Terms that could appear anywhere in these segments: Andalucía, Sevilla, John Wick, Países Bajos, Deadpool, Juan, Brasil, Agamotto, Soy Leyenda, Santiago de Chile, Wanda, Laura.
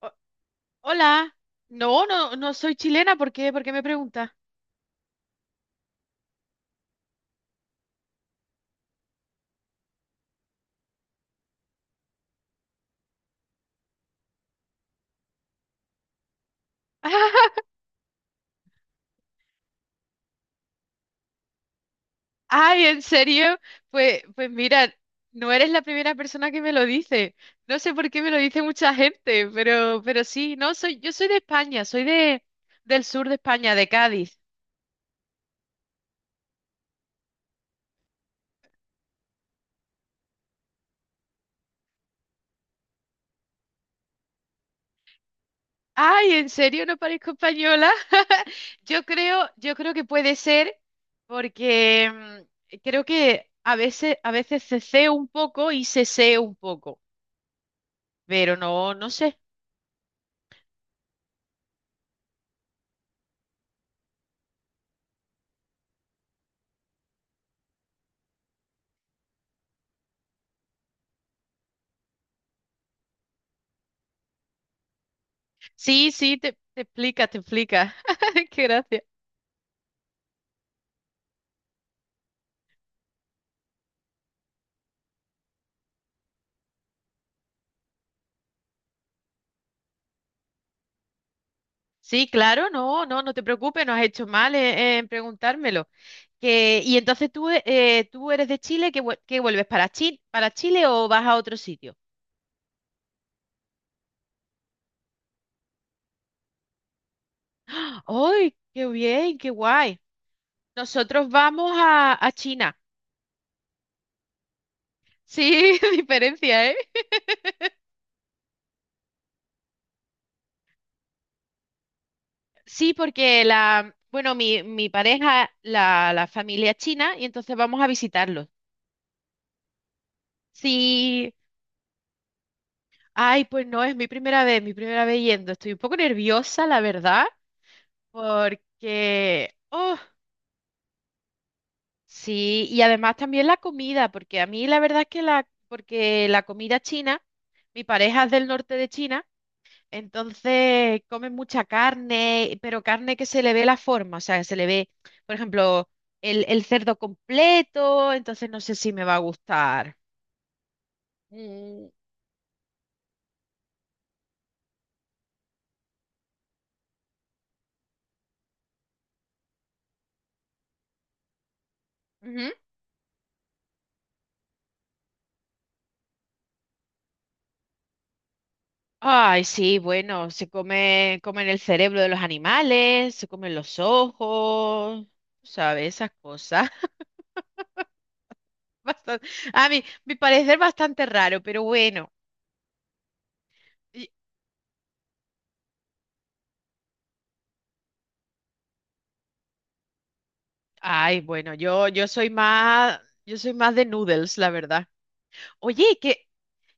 O- hola. No, no, no soy chilena. ¿Por qué? ¿Por qué me pregunta? Ay, ¿en serio? Pues, pues mira, no eres la primera persona que me lo dice. No sé por qué me lo dice mucha gente, pero sí, no, soy, yo soy de España, soy de, del sur de España, de Cádiz. Ay, ¿en serio no parezco española? Yo creo que puede ser porque creo que a veces ceceo un poco y seseo un poco, pero no, no sé. Sí, sí, te explica, te explica. Qué gracia. Sí, claro, no, no, no te preocupes, no has hecho mal en, preguntármelo. Que, y entonces tú, tú eres de Chile, ¿qué, qué vuelves para Chile o vas a otro sitio? ¡Ah! ¡Ay, qué bien, qué guay! Nosotros vamos a China. Sí, diferencia, ¿eh? Sí, porque la, bueno, mi pareja, la familia es china, y entonces vamos a visitarlos. Sí. Ay, pues no, es mi primera vez yendo. Estoy un poco nerviosa, la verdad, porque, oh, sí, y además también la comida, porque a mí la verdad es que la, porque la comida china, mi pareja es del norte de China, entonces comen mucha carne, pero carne que se le ve la forma, o sea, se le ve, por ejemplo, el cerdo completo, entonces no sé si me va a gustar. Mm, ujú. Ay, sí, bueno, se come, comen el cerebro de los animales, se comen los ojos, tú sabes, esas cosas. Bastan- a mí, mi parecer bastante raro, pero bueno. Y- Ay, bueno, yo, yo soy más de noodles, la verdad. Oye, que,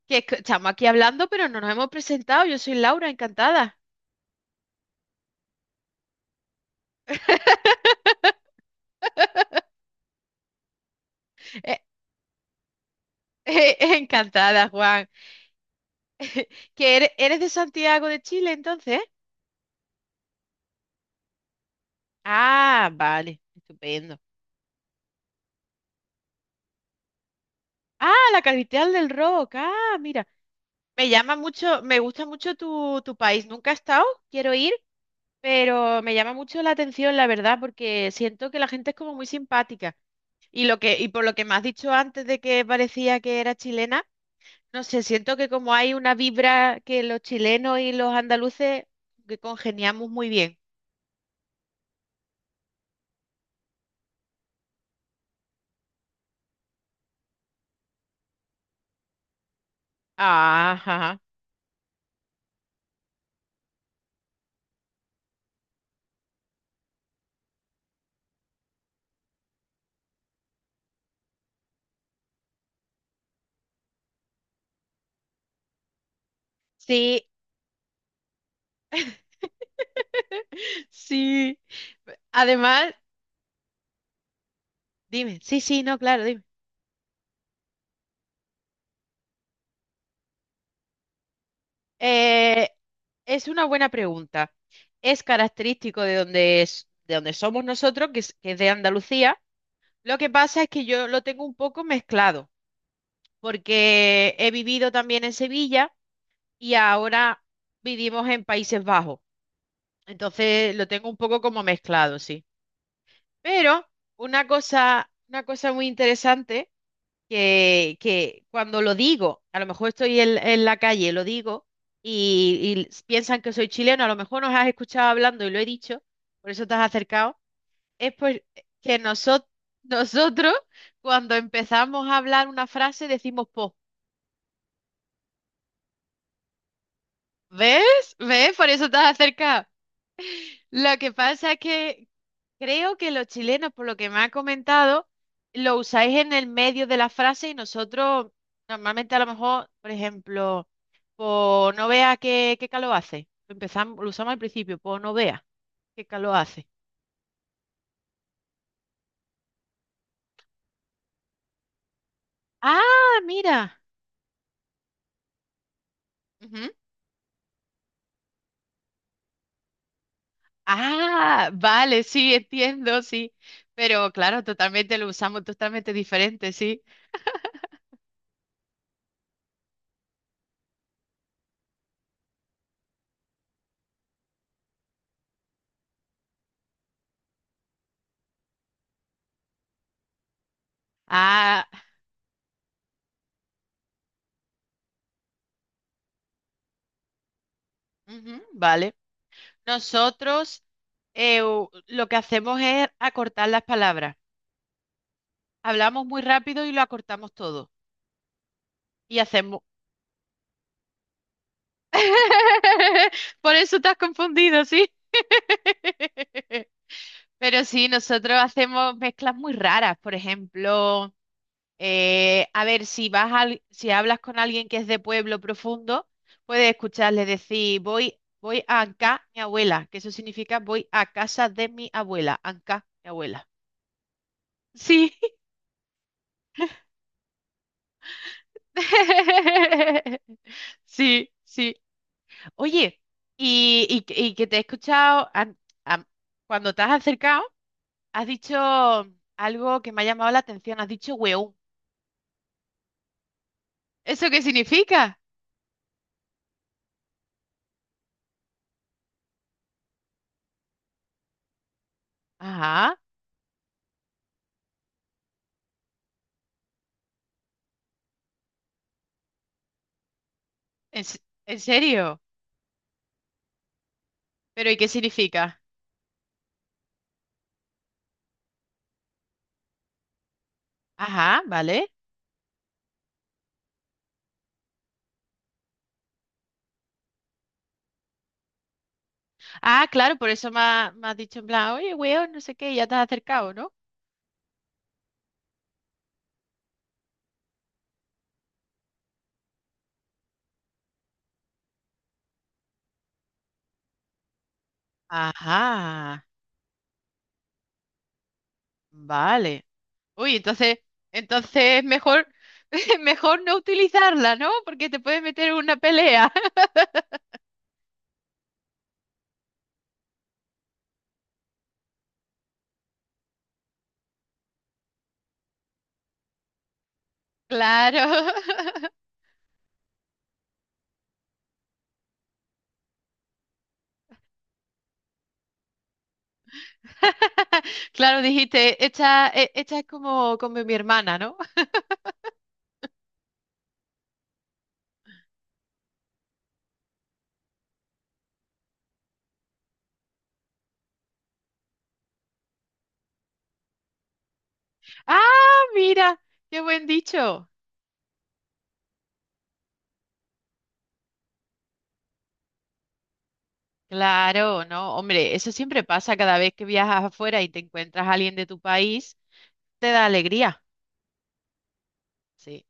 estamos aquí hablando, pero no nos hemos presentado. Yo soy Laura, encantada. Eh, encantada, Juan. ¿Que eres, eres de Santiago de Chile, entonces? Ah, vale, estupendo. Ah, la capital del rock. Ah, mira. Me llama mucho, me gusta mucho tu, tu país. Nunca he estado, quiero ir, pero me llama mucho la atención, la verdad, porque siento que la gente es como muy simpática. Y lo que, y por lo que me has dicho antes de que parecía que era chilena, no sé, siento que como hay una vibra que los chilenos y los andaluces que congeniamos muy bien. Ajá. Sí, sí. Además, dime, sí, sí, no, claro, dime. Eh, es una buena pregunta. Es característico de donde es, de donde somos nosotros, que es de Andalucía. Lo que pasa es que yo lo tengo un poco mezclado, porque he vivido también en Sevilla y ahora vivimos en Países Bajos. Entonces lo tengo un poco como mezclado, sí. Pero una cosa muy interesante, que cuando lo digo, a lo mejor estoy en la calle, lo digo y piensan que soy chileno, a lo mejor nos has escuchado hablando y lo he dicho, por eso te has acercado, es pues que nosotros cuando empezamos a hablar una frase decimos po, ¿ves? ¿Ves? Por eso te has acercado. Lo que pasa es que, creo que los chilenos, por lo que me ha comentado, lo usáis en el medio de la frase y nosotros normalmente a lo mejor, por ejemplo, por no vea qué, qué calor hace. Lo empezamos, lo usamos al principio, por no vea qué calor hace. Ah, mira. Ujú. Ah, vale, sí, entiendo, sí. Pero claro, totalmente lo usamos totalmente diferente, sí. Ah, ujú, vale. Nosotros lo que hacemos es acortar las palabras. Hablamos muy rápido y lo acortamos todo. Y hacemos. Por eso te has confundido, ¿sí? Pero sí, nosotros hacemos mezclas muy raras. Por ejemplo, a ver, si hablas con alguien que es de pueblo profundo, puedes escucharle decir, voy, voy a Anca, mi abuela, que eso significa voy a casa de mi abuela, Anca, mi abuela. Sí. Sí, sí. Oye, y, y que te he escuchado am- cuando te has acercado, has dicho algo que me ha llamado la atención, has dicho weón. ¿Eso qué significa? Ajá, en, se- en serio. ¿Pero y qué significa? Ajá, vale. Ah, claro, por eso me, me has dicho en plan, oye, weón, no sé qué, y ya te has acercado, ¿no? Ajá, vale. Uy, entonces, entonces mejor, mejor no utilizarla, ¿no? Porque te puedes meter en una pelea. Claro. Claro, dijiste, esta, esta es como, como mi hermana, ¿no? Ah, mira, qué buen dicho. Claro, no, hombre, eso siempre pasa cada vez que viajas afuera y te encuentras a alguien de tu país, te da alegría. Sí,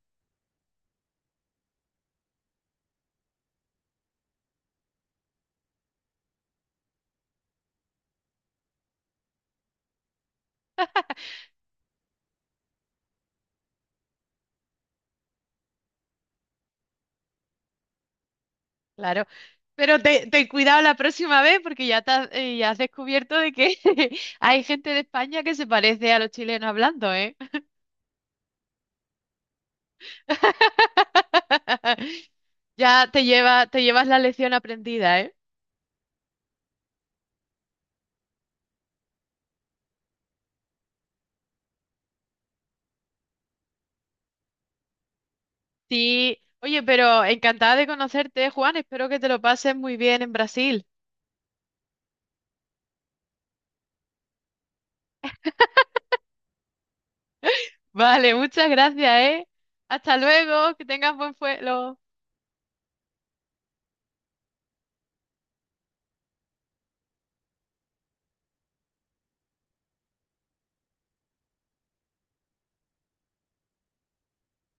claro. Pero ten cuidado la próxima vez porque ya, te has, ya has descubierto de que hay gente de España que se parece a los chilenos hablando, ¿eh? Ya te lleva, te llevas la lección aprendida, ¿eh? Sí, oye, pero encantada de conocerte, Juan. Espero que te lo pases muy bien en Brasil. Vale, muchas gracias, ¿eh? Hasta luego, que tengas buen vuelo.